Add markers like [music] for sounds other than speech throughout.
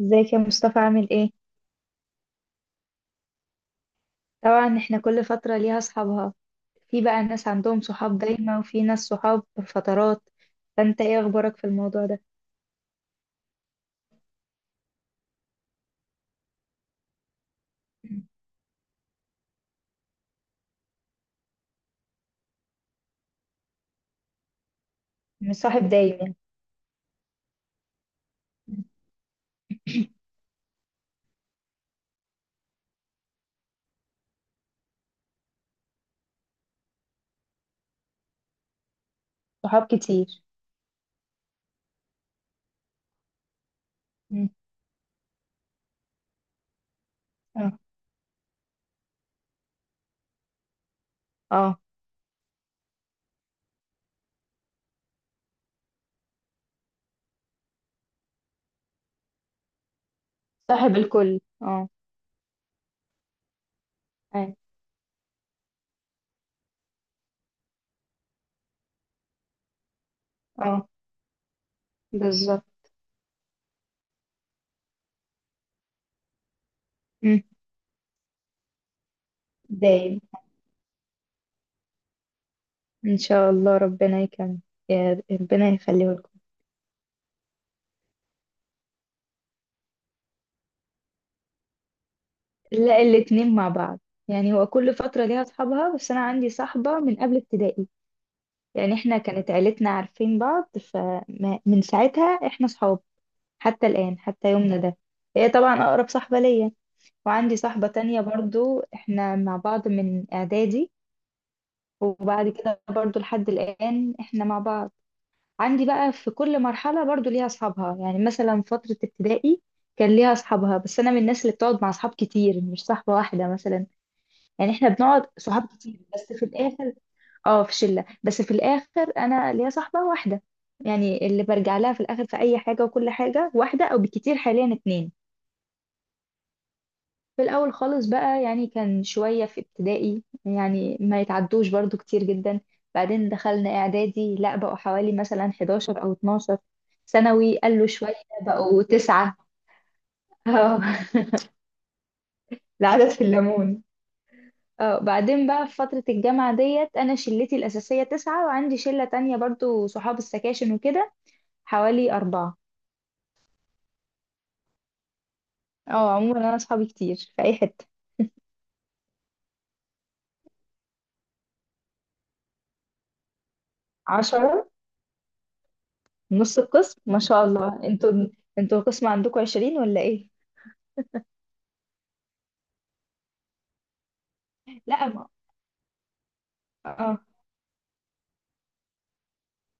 ازيك يا مصطفى؟ عامل ايه؟ طبعا احنا كل فترة ليها اصحابها. في بقى ناس عندهم صحاب دايما وفي ناس صحاب فترات. فانت ايه اخبارك في الموضوع ده؟ مم. مش صاحب دايما يعني. مم. صحاب كتير. مم. اه. اه، صاحب الكل. اه. أي. اه بالظبط. مم. دايم، ان شاء الله ربنا يكمل، يا ربنا يخليه لكم. لا، الاتنين مع بعض. يعني هو كل فترة ليها اصحابها، بس انا عندي صاحبة من قبل ابتدائي. يعني احنا كانت عيلتنا عارفين بعض، فمن ساعتها احنا صحاب حتى الآن، حتى يومنا ده. هي طبعا أقرب صاحبة ليا. وعندي صاحبة تانية برضو، احنا مع بعض من إعدادي. وبعد كده برضو لحد الآن احنا مع بعض. عندي بقى في كل مرحلة برضو ليها أصحابها، يعني مثلا فترة ابتدائي كان ليها أصحابها، بس أنا من الناس اللي بتقعد مع أصحاب كتير، مش صاحبة واحدة مثلا. يعني احنا بنقعد صحاب كتير بس في الآخر، اه في شله، بس في الاخر انا ليا صاحبه واحده، يعني اللي برجع لها في الاخر في اي حاجه وكل حاجه، واحده او بكتير حاليا اتنين. في الاول خالص بقى، يعني كان شويه في ابتدائي، يعني ما يتعدوش برضو كتير جدا. بعدين دخلنا اعدادي، لا بقوا حوالي مثلا 11 او 12. ثانوي قالوا شويه، بقوا تسعه، اه [laughs] العدد في الليمون. اه بعدين بقى في فترة الجامعة ديت أنا شلتي الأساسية تسعة، وعندي شلة تانية برضو صحاب السكاشن وكده، حوالي أربعة. اه عموما انا اصحابي كتير في اي حتة. عشرة. نص القسم؟ ما شاء الله انتوا، انتوا القسم عندكم عشرين ولا ايه؟ لا ما، اه.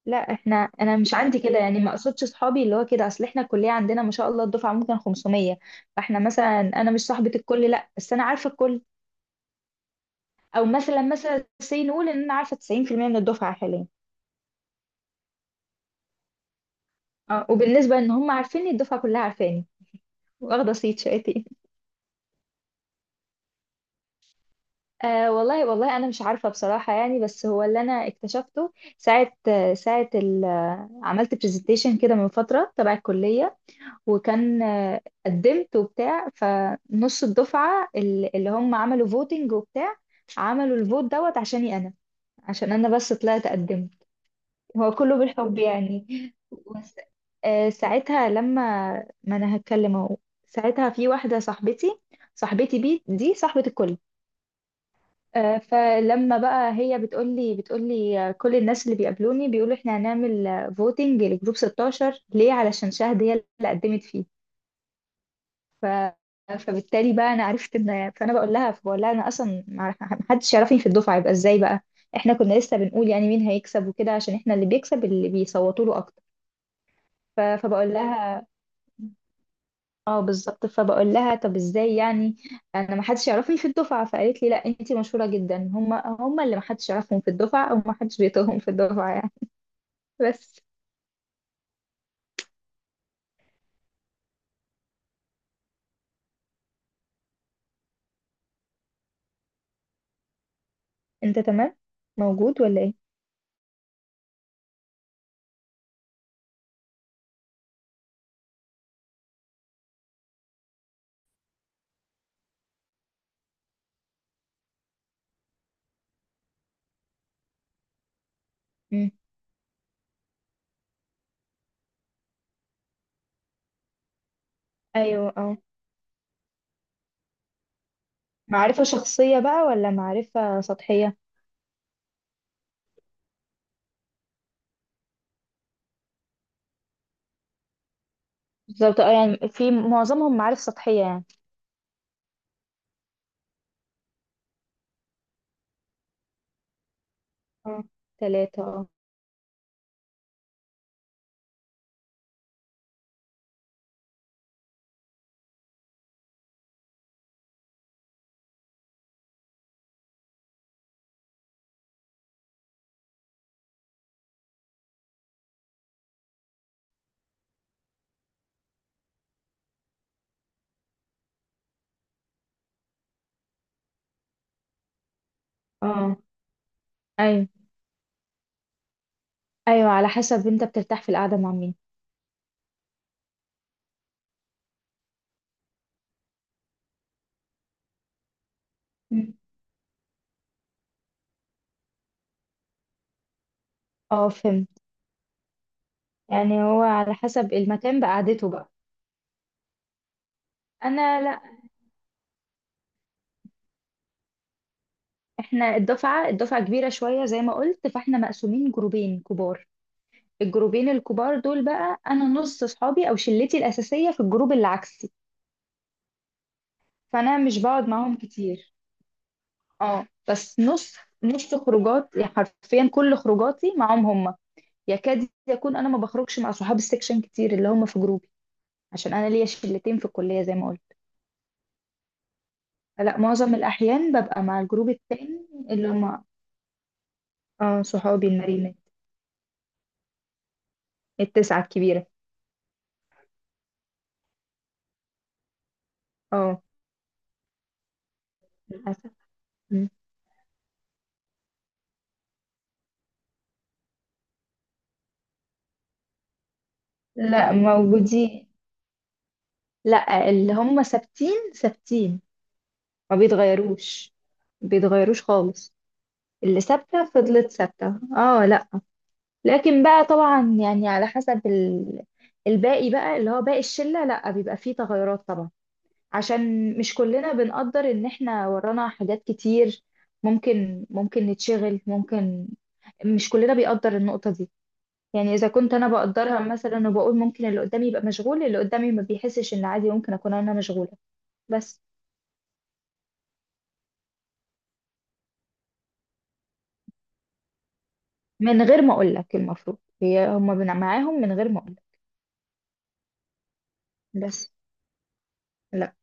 لا احنا، انا مش عندي كده يعني، ما اقصدش صحابي اللي هو كده، اصل احنا الكلية عندنا ما شاء الله الدفعة ممكن 500. فاحنا مثلا انا مش صاحبة الكل، لا بس انا عارفة الكل. او مثلا، مثلا سي نقول ان انا عارفة 90% من الدفعة حاليا. اه وبالنسبة ان هم عارفيني، الدفعة كلها عارفاني، واخدة صيت شقتي. أه والله والله أنا مش عارفة بصراحة يعني، بس هو اللي أنا اكتشفته ساعة، ساعة عملت برزنتيشن كده من فترة تبع الكلية، وكان قدمت وبتاع، فنص الدفعة اللي هم عملوا فوتنج وبتاع، عملوا الفوت دوت عشاني أنا، عشان أنا بس طلعت قدمت. هو كله بالحب يعني. بس ساعتها لما، ما أنا هتكلم أهو. ساعتها في واحدة صاحبتي، صاحبتي بي دي صاحبة الكل. فلما بقى هي بتقولي كل الناس اللي بيقابلوني بيقولوا احنا هنعمل فوتنج لجروب 16، ليه؟ علشان شهد هي اللي قدمت فيه. ف... فبالتالي بقى انا عرفت ان، فانا بقول لها، فبقول لها، انا اصلا ما حدش يعرفني في الدفعه، يبقى ازاي بقى؟ احنا كنا لسه بنقول يعني مين هيكسب وكده، عشان احنا اللي بيكسب اللي بيصوتوا له اكتر. فبقول لها، اه بالظبط، فبقول لها طب ازاي يعني؟ انا ما حدش يعرفني في الدفعه. فقالت لي لا انتي مشهوره جدا، هم هم اللي ما حدش يعرفهم في الدفعه، او ما حدش بيطيقهم في الدفعه يعني. بس انت تمام؟ موجود ولا ايه؟ مم. ايوه اه. معرفه شخصيه بقى ولا معرفه سطحيه؟ بالظبط اه، يعني في معظمهم معارف سطحيه يعني. اه، ثلاثه اه. اه. ايوه، ايوه على حسب انت بترتاح في القعده مع مين. مم. اه فهمت، يعني هو على حسب المكان بقعدته بقى. انا لا، احنا الدفعة، الدفعة كبيرة شوية زي ما قلت، فاحنا مقسومين جروبين كبار. الجروبين الكبار دول بقى، انا نص صحابي او شلتي الاساسية في الجروب اللي عكسي. فانا مش بقعد معاهم كتير. اه بس نص، نص خروجات يعني، حرفيا كل خروجاتي معاهم هما. يكاد يكون انا ما بخرجش مع صحاب السكشن كتير اللي هما في جروبي، عشان انا ليا شلتين في الكلية زي ما قلت. لا معظم الاحيان ببقى مع الجروب التاني اللي هما، اه صحابي المريمين. التسعة الكبيرة، اه. للأسف. لا موجودين، لا اللي هم ثابتين ثابتين، ما بيتغيروش، ما بيتغيروش خالص. اللي ثابتة فضلت ثابتة اه، لا. لكن بقى طبعا يعني على حسب الباقي بقى، اللي هو باقي الشلة لا، بيبقى فيه تغيرات طبعا، عشان مش كلنا بنقدر ان احنا ورانا حاجات كتير، ممكن نتشغل، ممكن، مش كلنا بيقدر النقطة دي. يعني اذا كنت انا بقدرها مثلا، وبقول ممكن اللي قدامي يبقى مشغول، اللي قدامي ما بيحسش ان عادي ممكن اكون انا مشغولة. بس من غير ما اقول لك، المفروض هي هما معاهم من غير ما اقول لك. بس لا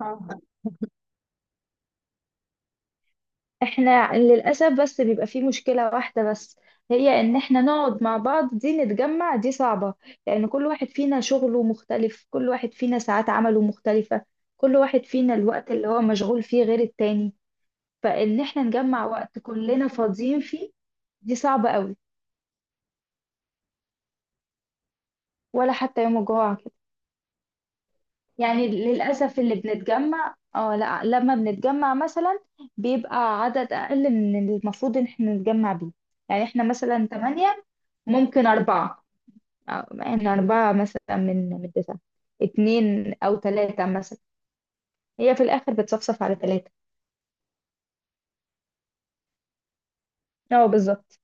اه. احنا للاسف بس بيبقى في مشكلة واحدة بس، هي ان احنا نقعد مع بعض دي، نتجمع دي صعبة، لان كل واحد فينا شغله مختلف، كل واحد فينا ساعات عمله مختلفة، كل واحد فينا الوقت اللي هو مشغول فيه غير التاني. فإن إحنا نجمع وقت كلنا فاضيين فيه، دي صعبة قوي. ولا حتى يوم الجمعة كده. يعني للأسف اللي بنتجمع اه، لا لما بنتجمع مثلا، بيبقى عدد أقل من اللي المفروض إن احنا نتجمع بيه. يعني احنا مثلا تمانية، ممكن أربعة، أو- احنا أربعة مثلا من تسعة، اتنين أو تلاتة مثلا. هي في الآخر بتصفصف على تلاتة. اه بالظبط.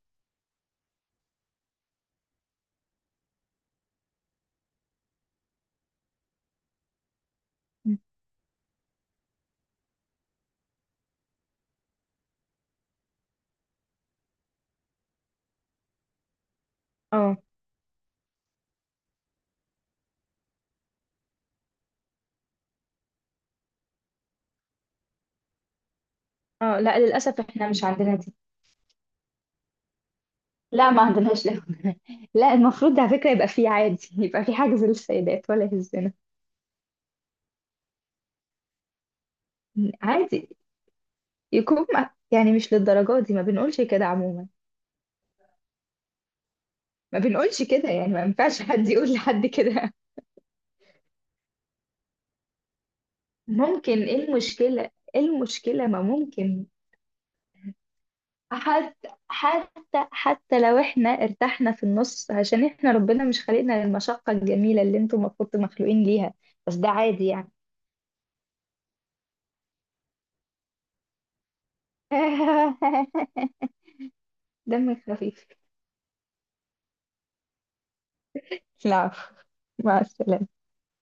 اه، اه لا للأسف احنا مش عندنا دي، لا ما عندناش لعب. [laughs] لا المفروض ده على فكرة يبقى فيه عادي، يبقى فيه حجز للسيدات، ولا يهزنا؟ عادي يكون يعني مش للدرجة دي، ما بنقولش كده عموما. ما بنقولش كده، يعني ما ينفعش حد يقول لحد كده. ممكن، ايه المشكلة؟ ايه المشكلة؟ ما ممكن. حتى، حتى، حتى لو احنا ارتحنا في النص، عشان احنا ربنا مش خلقنا للمشقة الجميلة اللي انتم المفروض مخلوقين ليها. بس ده عادي يعني. [laughs] دمك خفيف. لا عفو. مع السلامة.